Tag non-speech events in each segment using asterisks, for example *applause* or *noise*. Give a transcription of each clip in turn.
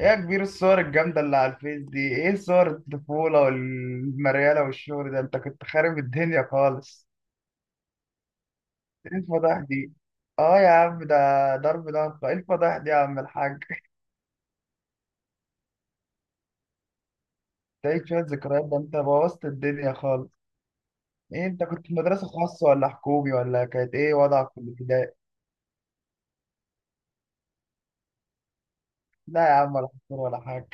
ايه يا كبير، الصور الجامدة اللي على الفيس دي، ايه صور الطفولة والمريالة والشغل ده؟ انت كنت خارب الدنيا خالص. ايه الفضايح دي؟ اه يا عم ده ضرب نار. ايه الفضايح دي يا عم الحاج؟ تعيد شوية ذكريات؟ ده انت بوظت الدنيا خالص. ايه انت كنت في مدرسة خاصة ولا حكومي ولا كانت ايه وضعك في الابتدائي؟ لا يا عم، ولا حكومي ولا حاجة.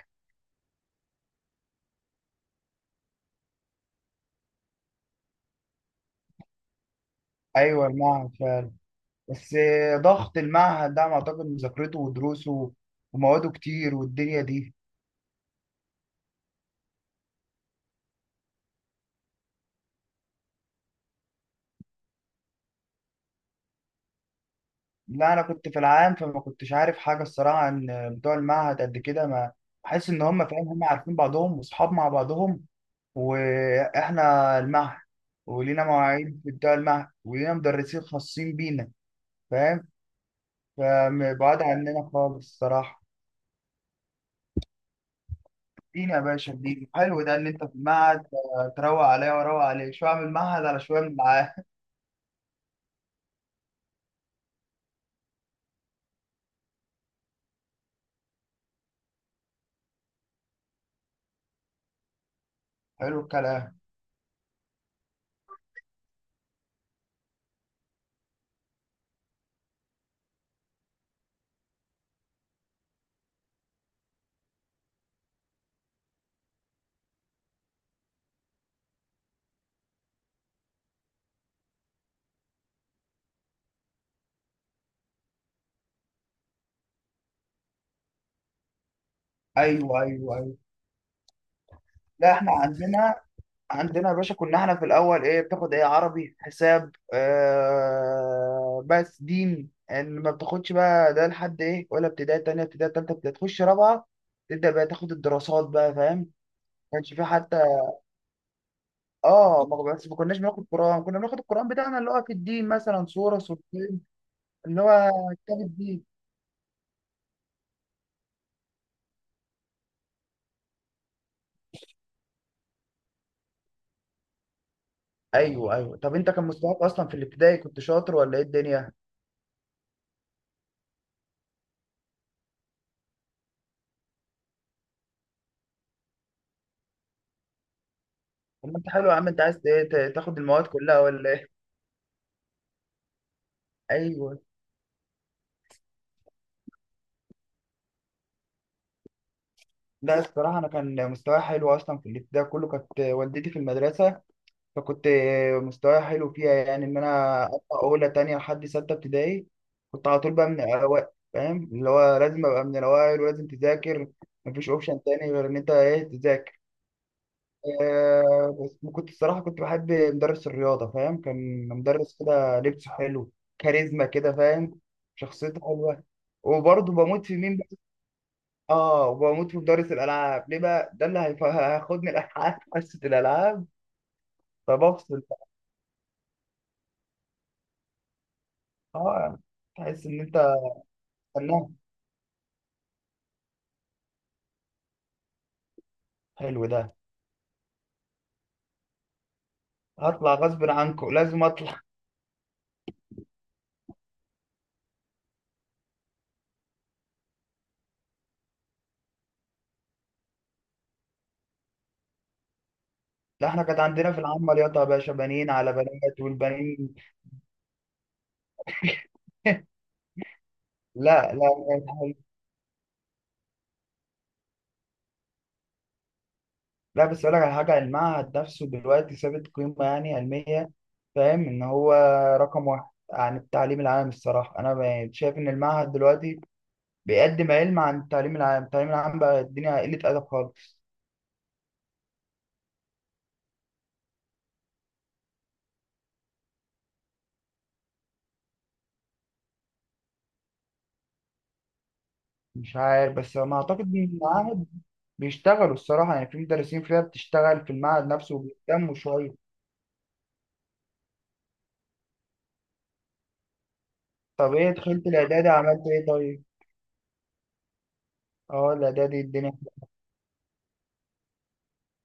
ايوه المعهد فعلا. بس ضغط المعهد ده أنا اعتقد مذاكرته ودروسه ومواده كتير والدنيا دي. لا انا كنت في العام، فما كنتش عارف حاجه الصراحه عن بتوع المعهد قد كده. ما بحس ان هم فاهم هم عارفين بعضهم واصحاب مع بعضهم، واحنا المعهد ولينا مواعيد في بتوع المعهد ولينا مدرسين خاصين بينا، فاهم؟ فبعاد عننا خالص الصراحه. ادينا يا باشا، ادينا حلو ده ان انت في المعهد. تروق عليا واروق عليك شويه من المعهد على شويه من العاهد. حلو الكلام. ايوه ايوه ايوه. لا احنا عندنا، عندنا يا باشا كنا احنا في الاول ايه بتاخد؟ ايه، عربي، حساب، آه بس دين. يعني ما بتاخدش بقى ده لحد ايه، ولا ابتدائي تانية ابتدائي تالتة ابتدائي، تخش رابعة تبدأ بقى تاخد الدراسات بقى، فاهم؟ ما كانش في حتى. اه، ما بس ما كناش بناخد قرآن، كنا بناخد القرآن بتاعنا اللي هو في الدين مثلا سورة سورتين، اللي هو كتاب الدين. ايوه ايوه. طب انت كان مستواك اصلا في الابتدائي كنت شاطر ولا ايه الدنيا؟ طب ما انت حلو يا عم، انت عايز ايه تاخد المواد كلها ولا ايه؟ *laughs* ايوه. لا الصراحة أنا كان مستواي حلو أصلا في الابتدائي كله، كانت والدتي في المدرسة، فكنت مستواي حلو فيها، يعني إن أنا أطلع أولى تانية لحد ستة ابتدائي كنت على طول بقى من الأوائل، فاهم؟ اللي هو لازم أبقى من الأوائل ولازم تذاكر، مفيش أوبشن تاني غير إن أنت إيه، تذاكر. بس كنت الصراحة كنت بحب مدرس الرياضة، فاهم؟ كان مدرس كده لبسه حلو، كاريزما كده، فاهم؟ شخصيته حلوة. وبرضه بموت في مين؟ اه، وبموت في مدرس الالعاب. ليه بقى؟ ده اللي هياخدني الالعاب *laughs* حصه الالعاب، فبفصل بقى. اه، تحس ان انت فنان. حلو ده. هطلع غصب عنكم، لازم اطلع. لا احنا كانت عندنا في العامه رياضه يا باشا، بنين على بنات، والبنين *laughs* لا لا لا. لا، بس اقول لك على حاجه، المعهد نفسه دلوقتي ثابت قيمه يعني علميه، فاهم ان هو رقم واحد عن التعليم العام الصراحه. انا شايف ان المعهد دلوقتي بيقدم علم عن التعليم العام. التعليم العام بقى الدنيا قلة أدب خالص. مش عارف بس ما أعتقد إن المعاهد بيشتغلوا الصراحة، يعني في مدرسين فيها بتشتغل في المعهد نفسه وبيهتموا شوية. طب إيه دخلت الإعدادي عملت إيه طيب؟ أه الإعدادي الدنيا.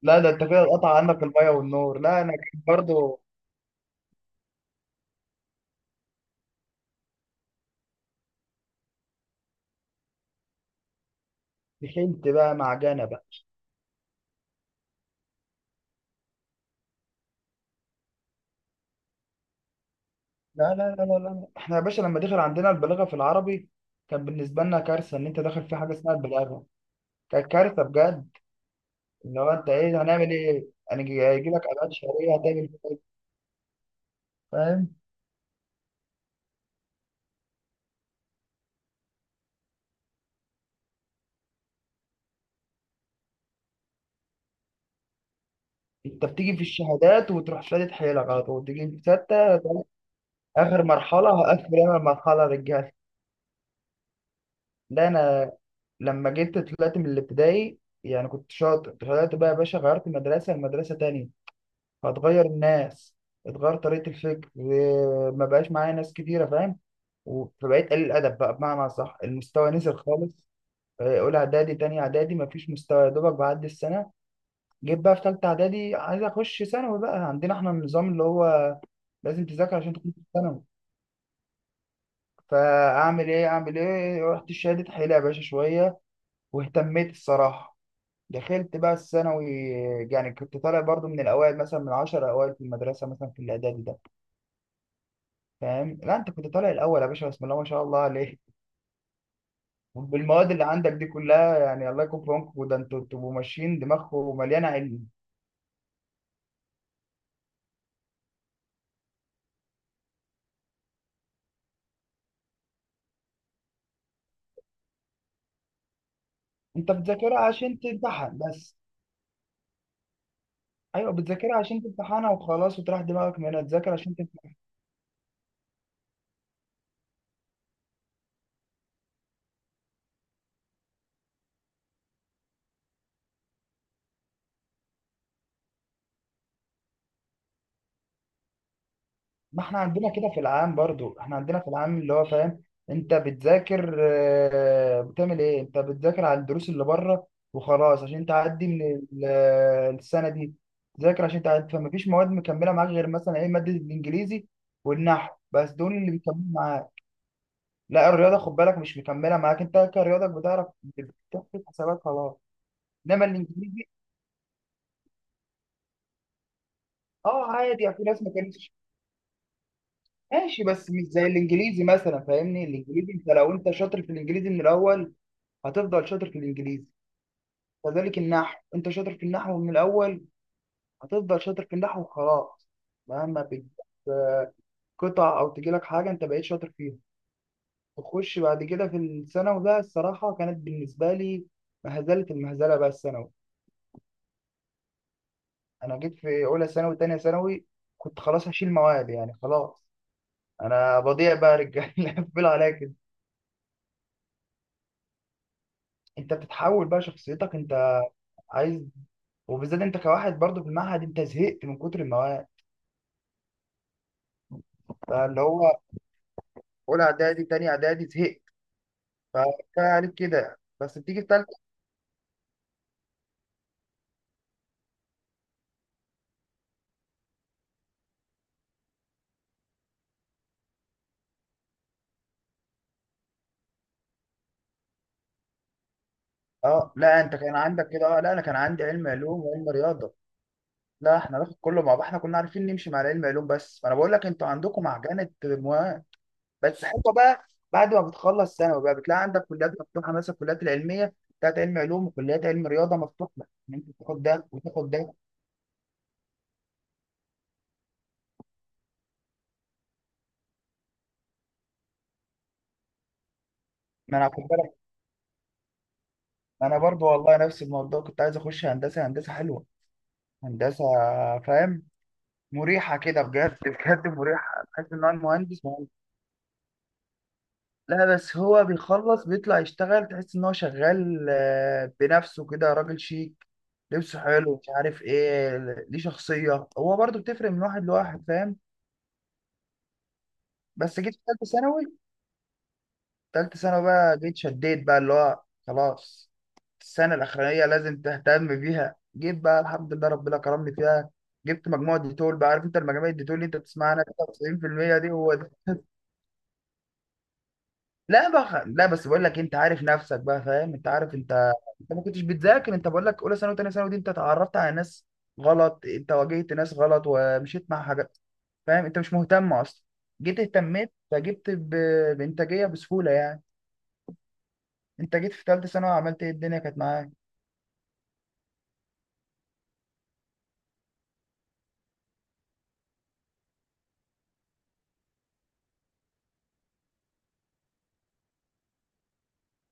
لا ده أنت كده قطع عنك المية والنور. لا أنا كنت برضه دخلت بقى معجنة بقى. لا لا لا لا لا، إحنا يا باشا لما دخل عندنا البلاغة في العربي كان بالنسبة لنا كارثة، إن أنت داخل في حاجة اسمها البلاغة، كانت كارثة بجد. اللي هو انت ايه هنعمل ايه؟ هيجي لك ابعاد شهريه هتعمل فيها ايه؟ فاهم؟ انت بتيجي في الشهادات وتروح شادد حيلك، على طول تيجي في سته. اخر مرحله هقفل انا المرحله، رجاله. ده انا لما جيت طلعت من الابتدائي، يعني كنت شاطر، طلعت بقى يا باشا غيرت مدرسه لمدرسه تانية، هتغير الناس، اتغير طريقه الفكر ما بقاش معايا ناس كتيره، فاهم؟ فبقيت قليل الادب بقى، بمعنى صح المستوى نزل خالص. اولى اعدادي تاني اعدادي مفيش مستوى، يا دوبك بعدي السنه. جيت بقى في ثالثه اعدادي، عايز اخش ثانوي، بقى عندنا احنا النظام اللي هو لازم تذاكر عشان تخش ثانوي. فاعمل ايه اعمل ايه، رحت شادد حيلة يا باشا شويه واهتميت الصراحه، دخلت بقى الثانوي. يعني كنت طالع برضو من الاوائل، مثلا من 10 اوائل في المدرسه، مثلا في الاعدادي ده، فاهم؟ لا انت كنت طالع الاول يا باشا، بسم الله ما شاء الله عليك. بالمواد اللي عندك دي كلها يعني الله يكون في عونكم، ده انتوا بتبقوا ماشيين دماغكم مليانه علم. انت بتذاكرها عشان تمتحن بس. ايوه بتذاكرها عشان تمتحنها وخلاص وتريح دماغك منها، تذاكر عشان تمتحن. ما احنا عندنا كده في العام برضو، احنا عندنا في العام اللي هو، فاهم؟ انت بتذاكر بتعمل ايه، انت بتذاكر على الدروس اللي بره وخلاص، عشان تعدي من السنه دي. تذاكر عشان تعدي، فما فيش مواد مكمله معاك غير مثلا ايه، ماده الانجليزي والنحو، بس دول اللي بيكملوا معاك. لا الرياضه خد بالك مش مكمله معاك، انت كرياضك بتعرف بتحسب حسابات خلاص. انما الانجليزي اه عادي يعني، في ناس ما كانتش. ماشي، بس مش زي الانجليزي مثلا، فاهمني؟ الانجليزي انت لو انت شاطر في الانجليزي من الاول هتفضل شاطر في الانجليزي. كذلك النحو، انت شاطر في النحو من الاول هتفضل شاطر في النحو وخلاص، مهما بتجيب آه، قطع او تجيلك حاجه انت بقيت شاطر فيها. تخش بعد كده في الثانوي بقى الصراحه كانت بالنسبه لي مهزله، المهزله بقى الثانوي. انا جيت في اولى ثانوي تانية ثانوي كنت خلاص هشيل مواد، يعني خلاص انا بضيع بقى يا رجاله *laughs* قفلوا عليا كده. انت بتتحول بقى، شخصيتك انت عايز، وبالذات انت كواحد برضو في المعهد، انت زهقت من كتر المواد. فاللي هو اولى اعدادي تاني اعدادي زهقت، فكفايه عليك كده. بس بتيجي في تالتة. اه لا انت كان عندك كده. اه لا انا كان عندي علم علوم وعلم رياضه. لا احنا ناخد كله مع بعض، احنا كنا عارفين نمشي مع العلم علوم بس، فانا بقول لك انتوا عندكم معجنه المواد، بس حلوه بقى. بعد ما بتخلص ثانوي بقى بتلاقي عندك كليات مفتوحه، مثلا الكليات العلميه بتاعت علم علوم وكليات علم رياضه مفتوحه، ان انت تاخد ده وتاخد ده. ما انا، انا برضو والله نفس الموضوع كنت عايز اخش هندسه، هندسه حلوه، هندسه، فاهم؟ مريحه كده بجد، بجد مريحه، تحس ان هو المهندس مهندس. لا بس هو بيخلص بيطلع يشتغل، تحس ان هو شغال بنفسه كده، راجل شيك، لبسه حلو، مش عارف ايه، ليه شخصيه. هو برضو بتفرق من واحد لواحد، فاهم؟ بس جيت في ثالثه ثانوي، تالتة ثانوي بقى جيت شديت بقى، اللي هو خلاص السنة الأخرانية لازم تهتم بيها. جيت بقى الحمد لله ربنا كرمني فيها، جبت مجموعة ديتول بقى، عارف انت المجاميع الديتول اللي انت بتسمعها عنها؟ 99% دي هو ده. لا بقى، لا بس بقول لك انت عارف نفسك بقى، فاهم؟ انت عارف انت، انت ما كنتش بتذاكر، انت بقول لك اولى ثانوي وثانيه ثانوي دي انت اتعرفت على ناس غلط، انت واجهت ناس غلط ومشيت مع حاجات، فاهم؟ انت مش مهتم اصلا. جيت اهتميت فجبت بانتاجيه بسهوله يعني. انت جيت في ثالثه ثانوي عملت ايه الدنيا كانت معاك،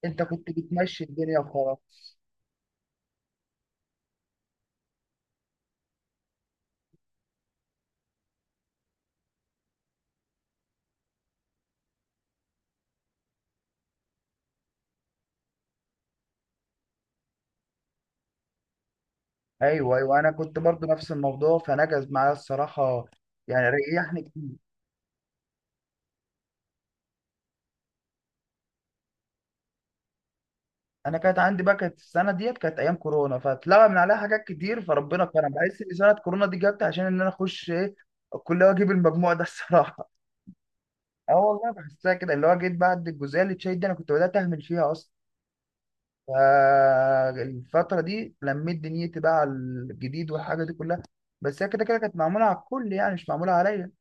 انت كنت بتمشي الدنيا وخلاص. ايوه ايوه، انا كنت برضو نفس الموضوع، فنجز معايا الصراحه، يعني ريحني كتير. انا كانت عندي بقى، كانت السنه ديت كانت ايام كورونا، فاتلغى من عليها حاجات كتير، فربنا كرم. بحس ان سنه كورونا دي جت عشان ان انا اخش ايه، الكليه واجيب المجموع ده *laughs* الصراحه. اه والله بحسها كده، اللي هو جيت بعد الجزئيه اللي اتشيت دي انا كنت بدات اهمل فيها اصلا، فالفتره دي لميت دنيتي بقى على الجديد والحاجه دي كلها. بس هي كده كده كانت معموله على الكل يعني، مش معموله عليا.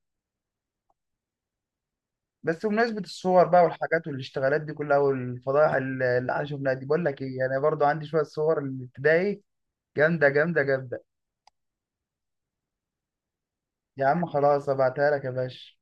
بس بمناسبة الصور بقى والحاجات والاشتغالات دي كلها والفضائح اللي احنا شفناها دي، بقول لك ايه، انا برضو عندي شوية صور الابتدائي جامدة جامدة جامدة. يا عم خلاص ابعتها لك يا باشا.